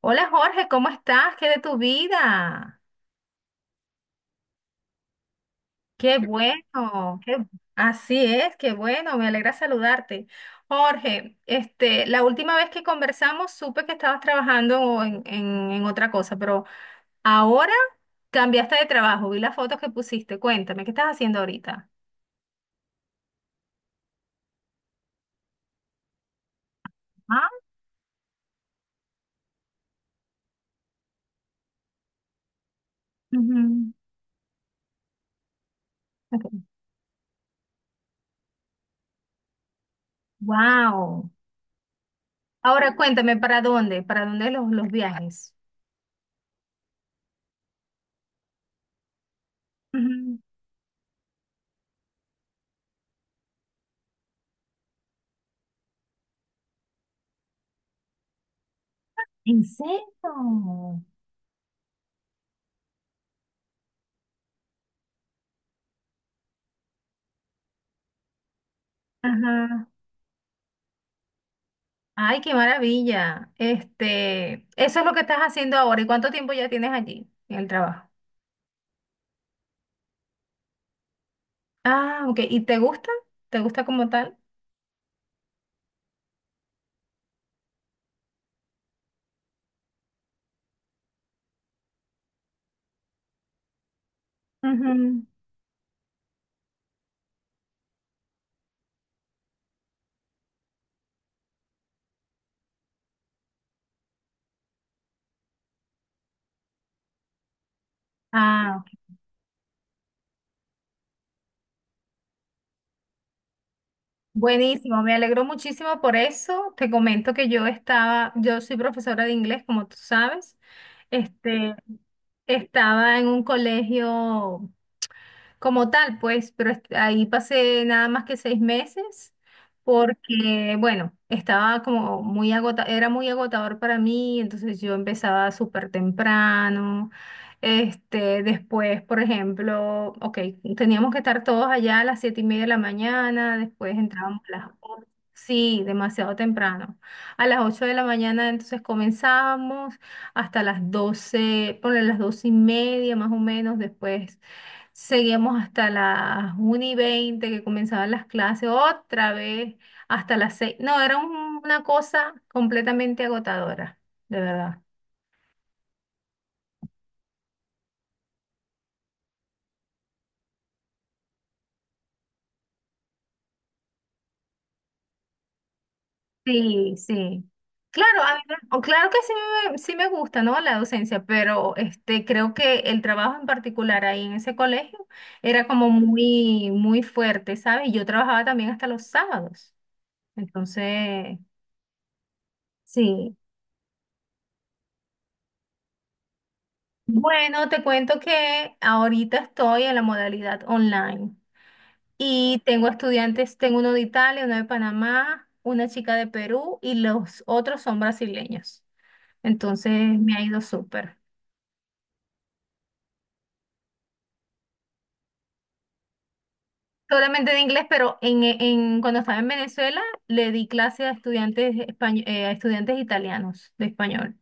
Hola Jorge, ¿cómo estás? ¿Qué de tu vida? Qué bueno, así es, qué bueno, me alegra saludarte. Jorge, la última vez que conversamos supe que estabas trabajando en otra cosa, pero ahora cambiaste de trabajo, vi las fotos que pusiste, cuéntame, ¿qué estás haciendo ahorita? Ah, ujú, ok. Wow. Ahora cuéntame, ¿para dónde? ¿Para dónde los viajes? Ujú. ¿En serio? Ajá. Ay, qué maravilla. Este, eso es lo que estás haciendo ahora. ¿Y cuánto tiempo ya tienes allí en el trabajo? Ah, ok. ¿Y te gusta? ¿Te gusta como tal? Ujú. Ah, ok. Buenísimo. Me alegro muchísimo por eso. Te comento que yo estaba, yo soy profesora de inglés, como tú sabes. Este, estaba en un colegio como tal, pues, pero ahí pasé nada más que seis meses porque, bueno, estaba como muy era muy agotador para mí, entonces yo empezaba súper temprano. Este, después, por ejemplo, ok, teníamos que estar todos allá a las siete y media de la mañana, después entrábamos a las ocho. Sí, demasiado temprano. A las 8 de la mañana entonces comenzábamos hasta las doce, ponle las 12 y media más o menos, después seguimos hasta las 1 y veinte, que comenzaban las clases, otra vez hasta las seis. No, era una cosa completamente agotadora, de verdad. Sí, sí. Claro, a o claro que sí sí me gusta, ¿no? La docencia, pero este, creo que el trabajo en particular ahí en ese colegio era como muy, muy fuerte, ¿sabes? Yo trabajaba también hasta los sábados. Entonces, sí. Bueno, te cuento que ahorita estoy en la modalidad online y tengo estudiantes, tengo uno de Italia, uno de Panamá, una chica de Perú y los otros son brasileños. Entonces me ha ido súper. Solamente de inglés, pero cuando estaba en Venezuela le di clase a estudiantes, a estudiantes italianos de español.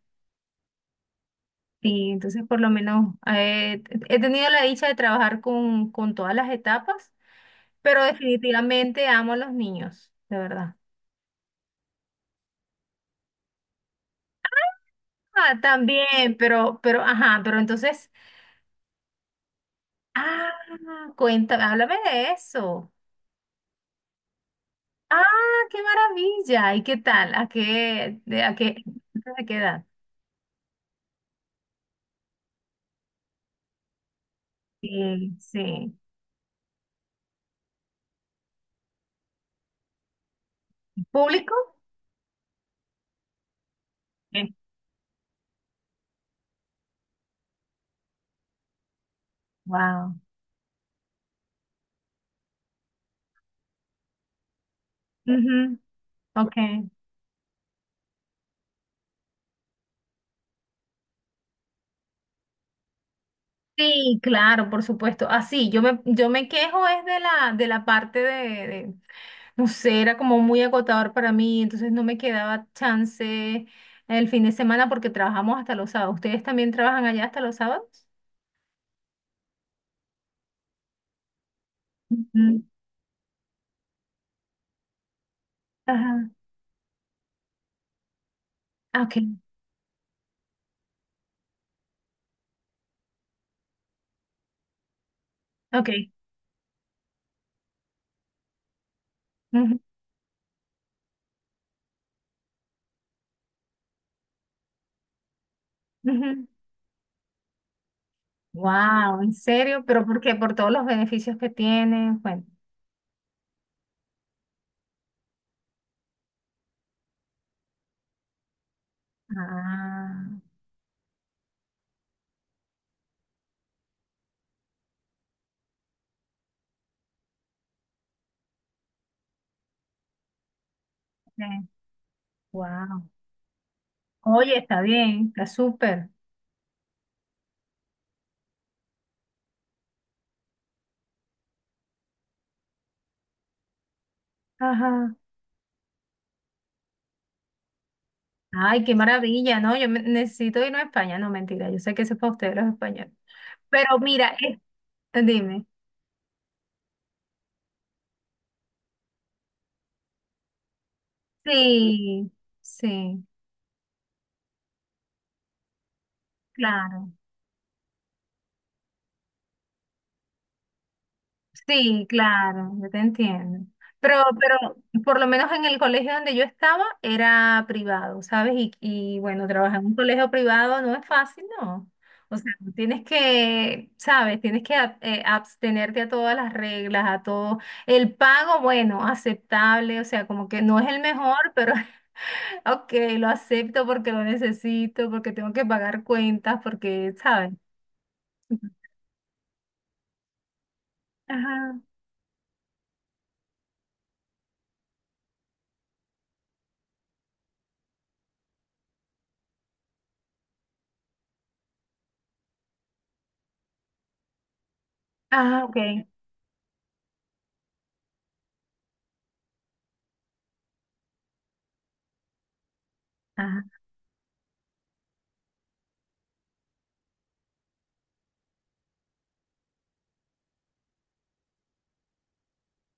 Sí, entonces por lo menos he tenido la dicha de trabajar con todas las etapas, pero definitivamente amo a los niños, de verdad. Ah, también, pero, ajá, pero entonces, ah, cuéntame, háblame de eso. Ah, qué maravilla. ¿Y qué tal? A qué, de qué edad? Sí, sí. ¿Público? Sí. Wow. Ujú, ok. Sí, claro, por supuesto. Así, yo me quejo es de la parte no sé, era como muy agotador para mí, entonces no me quedaba chance el fin de semana porque trabajamos hasta los sábados. ¿Ustedes también trabajan allá hasta los sábados? Ujú. Ajá. Ah, ok, ok. Wow, ¿en serio? ¿Pero por qué? Por todos los beneficios que tiene. Bueno. Ah, wow. Oye, está bien, está súper. Ajá. Ay, qué maravilla, ¿no? Yo necesito irme a España, no mentira, yo sé que eso es para ustedes los españoles. Pero mira, dime, sí, sí, claro. Sí, claro, yo te entiendo. Pero por lo menos en el colegio donde yo estaba era privado, ¿sabes? Y bueno, trabajar en un colegio privado no es fácil, ¿no? O sea, tú tienes que, ¿sabes? Tienes que abstenerte a todas las reglas, a todo. El pago, bueno, aceptable, o sea, como que no es el mejor, pero ok, lo acepto porque lo necesito, porque tengo que pagar cuentas, porque, ¿sabes? Ajá. Ah, ok. Ah.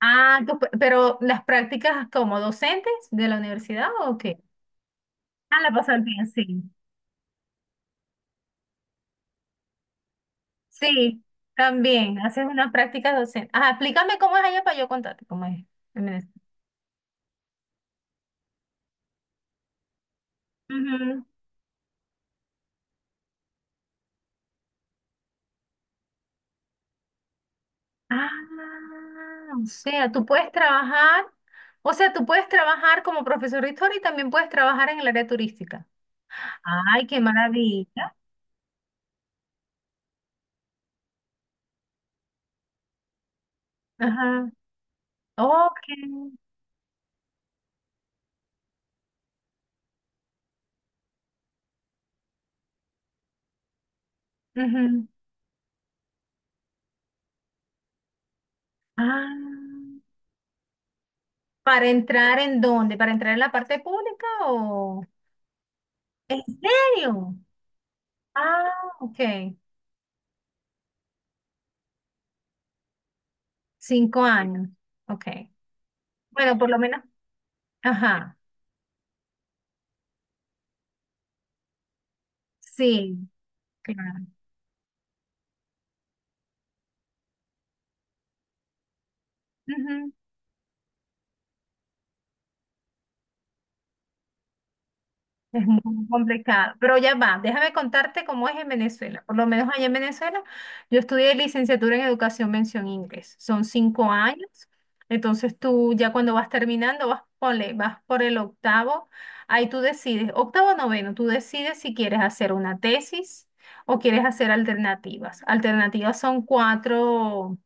Ah, pero las prácticas como docentes de la universidad, ¿o qué? Ah, la pasó al bien, sí. Sí, también haces unas prácticas docentes. Ah, explícame cómo es allá para yo contarte cómo es en Venezuela. Ujú. Ah, o sea, tú puedes trabajar, o sea, tú puedes trabajar como profesor de historia y también puedes trabajar en el área turística. Ay, qué maravilla. Ajá. Ok. Ujú. Ah, ¿para entrar en dónde? ¿Para entrar en la parte pública o...? ¿En serio? Ah, ok. Cinco años. Ok. Bueno, por lo menos. Ajá. Sí, claro. Ujú. Es muy complicado, pero ya va, déjame contarte cómo es en Venezuela. Por lo menos allá en Venezuela, yo estudié licenciatura en educación mención inglés. Son cinco años. Entonces tú ya cuando vas terminando, vas, ponle, vas por el octavo, ahí tú decides, octavo o noveno, tú decides si quieres hacer una tesis o quieres hacer alternativas. Alternativas son cuatro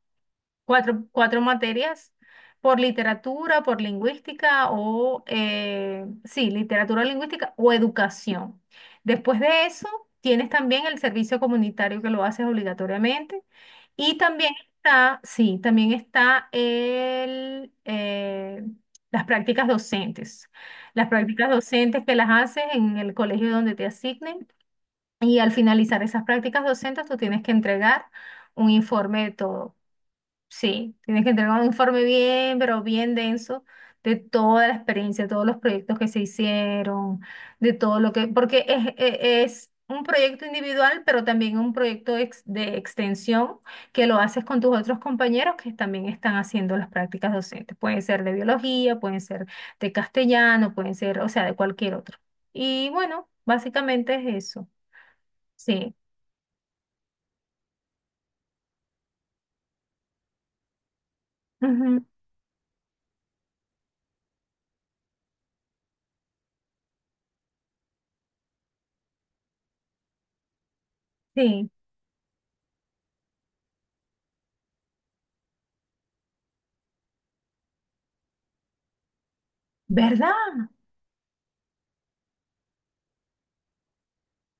cuatro, cuatro materias por literatura, por lingüística o, sí, literatura, lingüística o educación. Después de eso, tienes también el servicio comunitario que lo haces obligatoriamente y también está, sí, también está el, las prácticas docentes. Las prácticas docentes que las haces en el colegio donde te asignen y al finalizar esas prácticas docentes, tú tienes que entregar un informe de todo. Sí, tienes que entregar un informe bien, pero bien denso de toda la experiencia, todos los proyectos que se hicieron, de todo lo que, porque es un proyecto individual, pero también un proyecto de extensión que lo haces con tus otros compañeros que también están haciendo las prácticas docentes. Pueden ser de biología, pueden ser de castellano, pueden ser, o sea, de cualquier otro. Y bueno, básicamente es eso. Sí. Ujú, sí. ¿Verdad?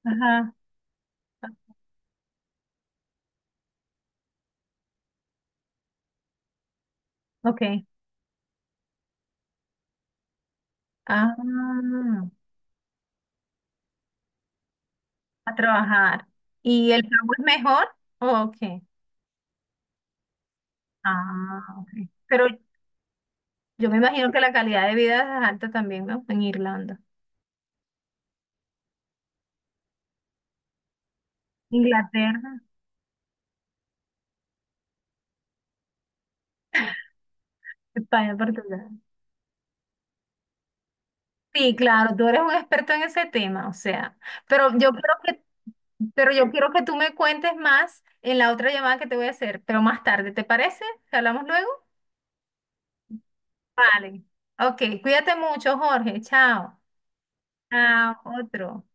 Ajá. Ok. Ah, a trabajar. ¿Y el pago es mejor? Ok. Ah, ok. Pero yo me imagino que la calidad de vida es alta también, ¿no? En Irlanda. Inglaterra, España, Portugal. Sí, claro, tú eres un experto en ese tema, o sea, pero yo creo que, pero yo quiero que tú me cuentes más en la otra llamada que te voy a hacer, pero más tarde, ¿te parece? ¿Que hablamos luego? Vale. Ok, cuídate mucho, Jorge. Chao. Chao, otro.